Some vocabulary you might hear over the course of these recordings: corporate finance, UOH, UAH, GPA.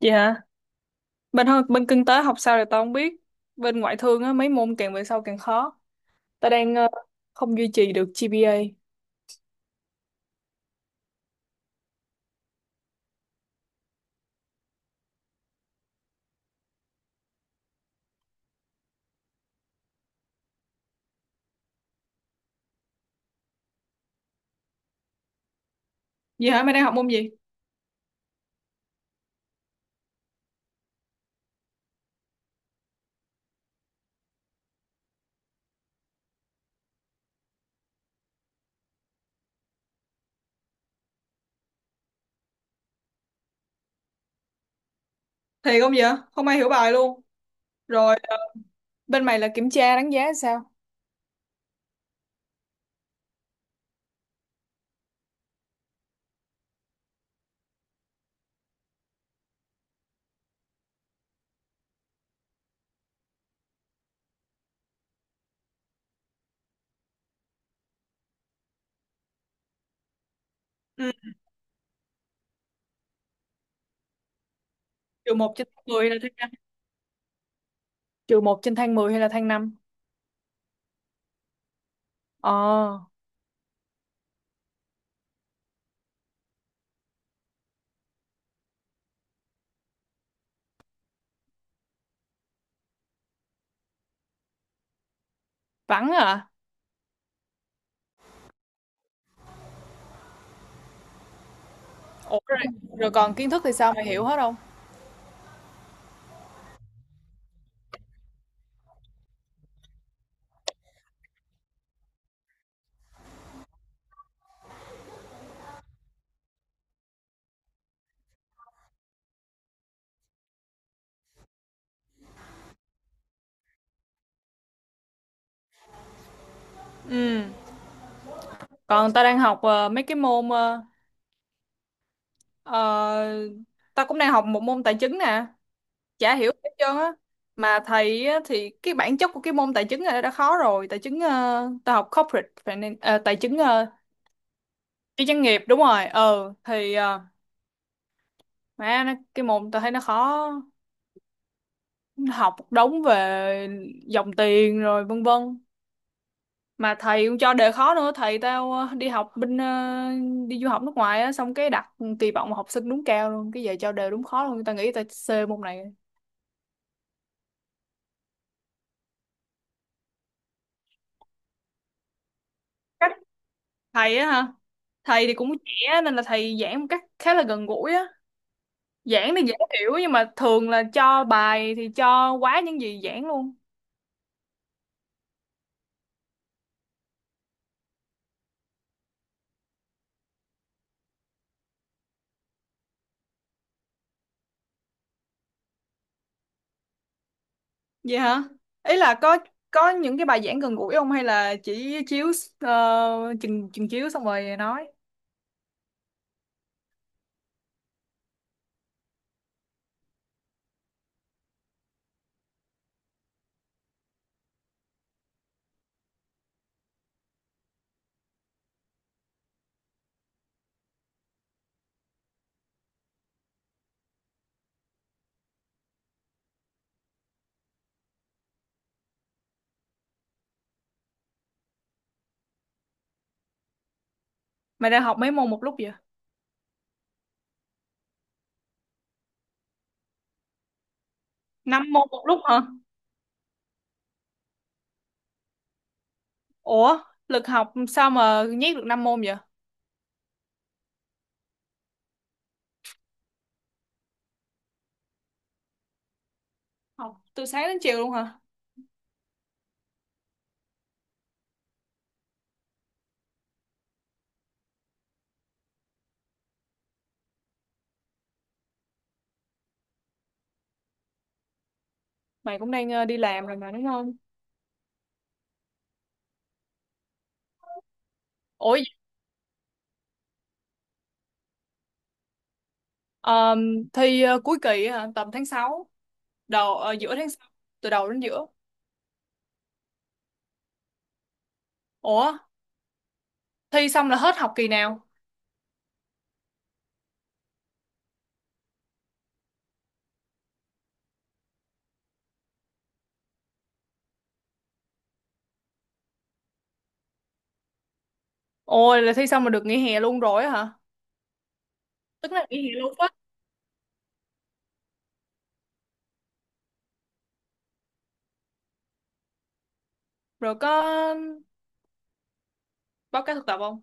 Vậy hả? Bên kinh tế học sao thì tao không biết. Bên ngoại thương á mấy môn càng về sau càng khó. Tao đang không duy trì được GPA. Vậy hả? Mày đang học môn gì? Thiệt không vậy? Không ai hiểu bài luôn. Rồi, bên mày là kiểm tra đánh giá sao? Ừ, trừ một trên tháng 10 là thế nào? Trừ một trên thang 10 hay là thang năm. Ờ, vắng à. Ủa rồi, rồi còn kiến thức thì sao mày hiểu hết không? Ừ. Còn tao đang học mấy cái môn ờ, tao cũng đang học một môn tài chính nè. Chả hiểu hết trơn á, mà thầy á, thì cái bản chất của cái môn tài chính này đã khó rồi. Tài chính tao học corporate finance tài chính cái doanh nghiệp đúng rồi. Mẹ nó, cái môn tao thấy nó khó. Nó học một đống về dòng tiền rồi vân vân, mà thầy cũng cho đề khó nữa. Thầy tao đi học đi du học nước ngoài á, xong cái đặt kỳ vọng học sinh đúng cao luôn, cái giờ cho đề đúng khó luôn, tao nghĩ tao C môn này. Cách thầy á hả? Thầy thì cũng trẻ nên là thầy giảng một cách khá là gần gũi á, giảng thì dễ hiểu nhưng mà thường là cho bài thì cho quá những gì giảng luôn. Vậy hả? Ý là có những cái bài giảng gần gũi không hay là chỉ chiếu chừng chừng chiếu xong rồi nói. Mày đang học mấy môn một lúc vậy? Năm môn một lúc hả? Ủa, lực học sao mà nhét được 5 môn vậy? Học từ sáng đến chiều luôn hả? Mày cũng đang đi làm rồi mà đúng không? Ủa, vậy- thi cuối kỳ hả? Tầm tháng 6, giữa tháng 6, từ đầu đến giữa. Ủa, thi xong là hết học kỳ nào? Ôi là thi xong mà được nghỉ hè luôn rồi á hả? Tức là nghỉ hè luôn á. Rồi có báo cáo thực tập không?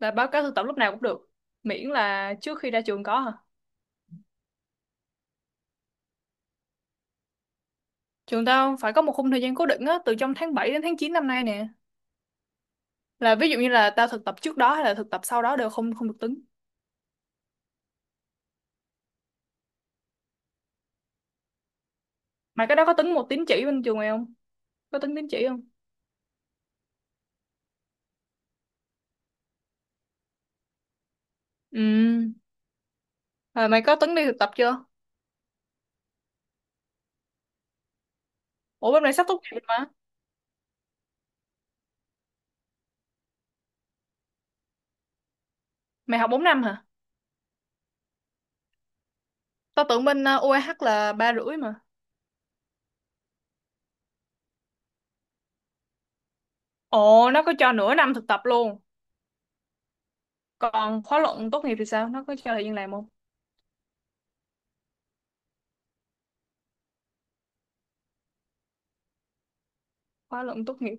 Là báo cáo thực tập lúc nào cũng được. Miễn là trước khi ra trường có hả? Trường tao phải có một khung thời gian cố định á, từ trong tháng 7 đến tháng 9 năm nay nè. Là ví dụ như là tao thực tập trước đó hay là thực tập sau đó đều không không được tính. Mày cái đó có tính một tín chỉ bên trường mày không? Có tính tín chỉ không? Ừ. Rồi mày có tính đi thực tập chưa? Ủa, bên này sắp tốt nghiệp rồi mà. Mày học 4 năm hả? Tao tưởng bên UAH là ba rưỡi mà. Ồ, nó có cho nửa năm thực tập luôn. Còn khóa luận tốt nghiệp thì sao? Nó có cho thời gian làm không? Khóa luận tốt nghiệp.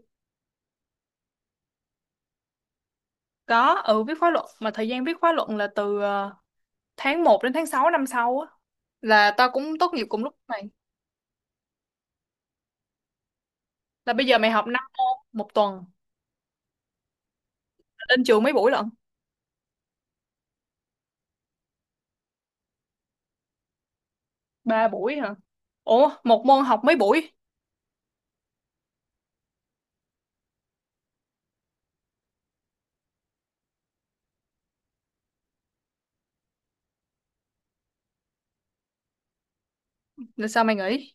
Có, ừ, viết khóa luận. Mà thời gian viết khóa luận là từ tháng 1 đến tháng 6 năm sau á. Là tao cũng tốt nghiệp cùng lúc mày. Là bây giờ mày học 5 môn một tuần. Lên trường mấy buổi lận? Ba buổi hả? Ủa, một môn học mấy buổi? Là sao mày nghỉ?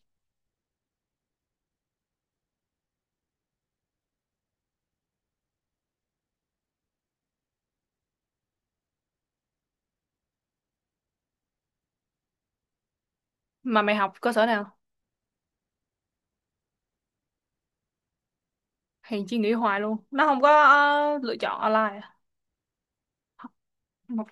Mà mày học cơ sở nào? Hèn chi nghỉ hoài luôn. Nó không có lựa chọn online à? Học...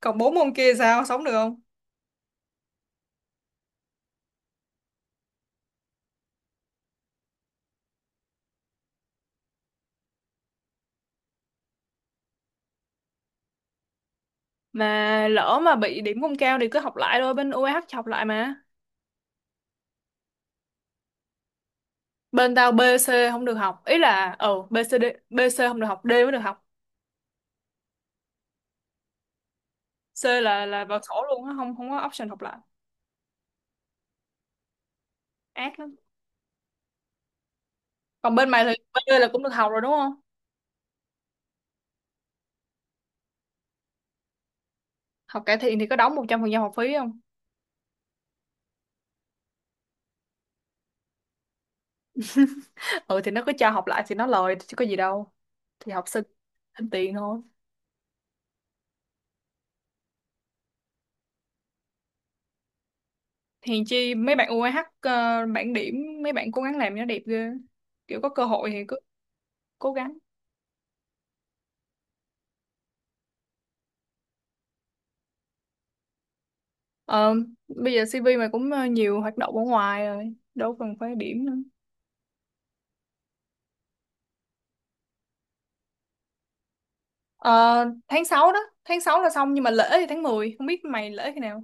Còn bốn môn kia sao? Sống được không? Mà lỡ mà bị điểm không cao thì cứ học lại thôi. Bên UAH học lại mà. Bên tao B C không được học, ý là ừ B C D, B C không được học, D mới được học. C là vào sổ luôn á, không không có option học lại, ác lắm. Còn bên mày thì B là cũng được học rồi đúng không? Học cải thiện thì có đóng 100% học phí không? Ừ, thì nó cứ cho học lại thì nó lời chứ có gì đâu. Thì học sinh thêm tiền thôi. Hèn chi mấy bạn UAH bảng điểm mấy bạn cố gắng làm cho nó đẹp ghê, kiểu có cơ hội thì cứ cố gắng. Ờ, bây giờ CV mày cũng nhiều hoạt động ở ngoài rồi đâu cần phải điểm nữa. Ờ, tháng 6 đó, tháng 6 là xong nhưng mà lễ thì tháng 10 không biết mày lễ khi nào.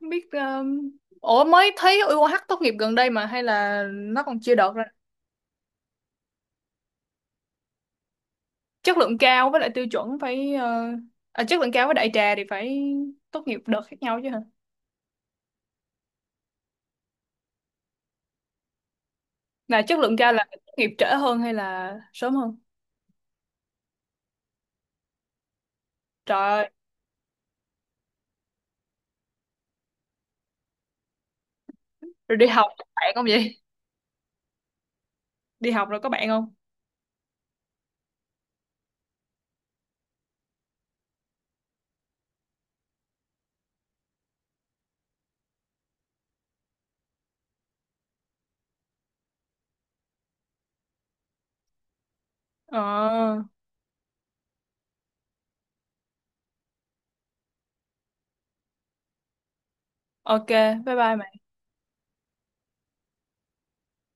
Không biết ủa mới thấy UOH tốt nghiệp gần đây mà hay là nó còn chưa đợt ra. Chất lượng cao với lại tiêu chuẩn phải à, chất lượng cao với đại trà thì phải tốt nghiệp đợt khác nhau chứ hả? Là chất lượng cao là tốt nghiệp trễ hơn hay là sớm hơn? Trời ơi, rồi đi học có bạn không vậy? Đi học rồi có bạn không? Ờ, ok, bye bye mày.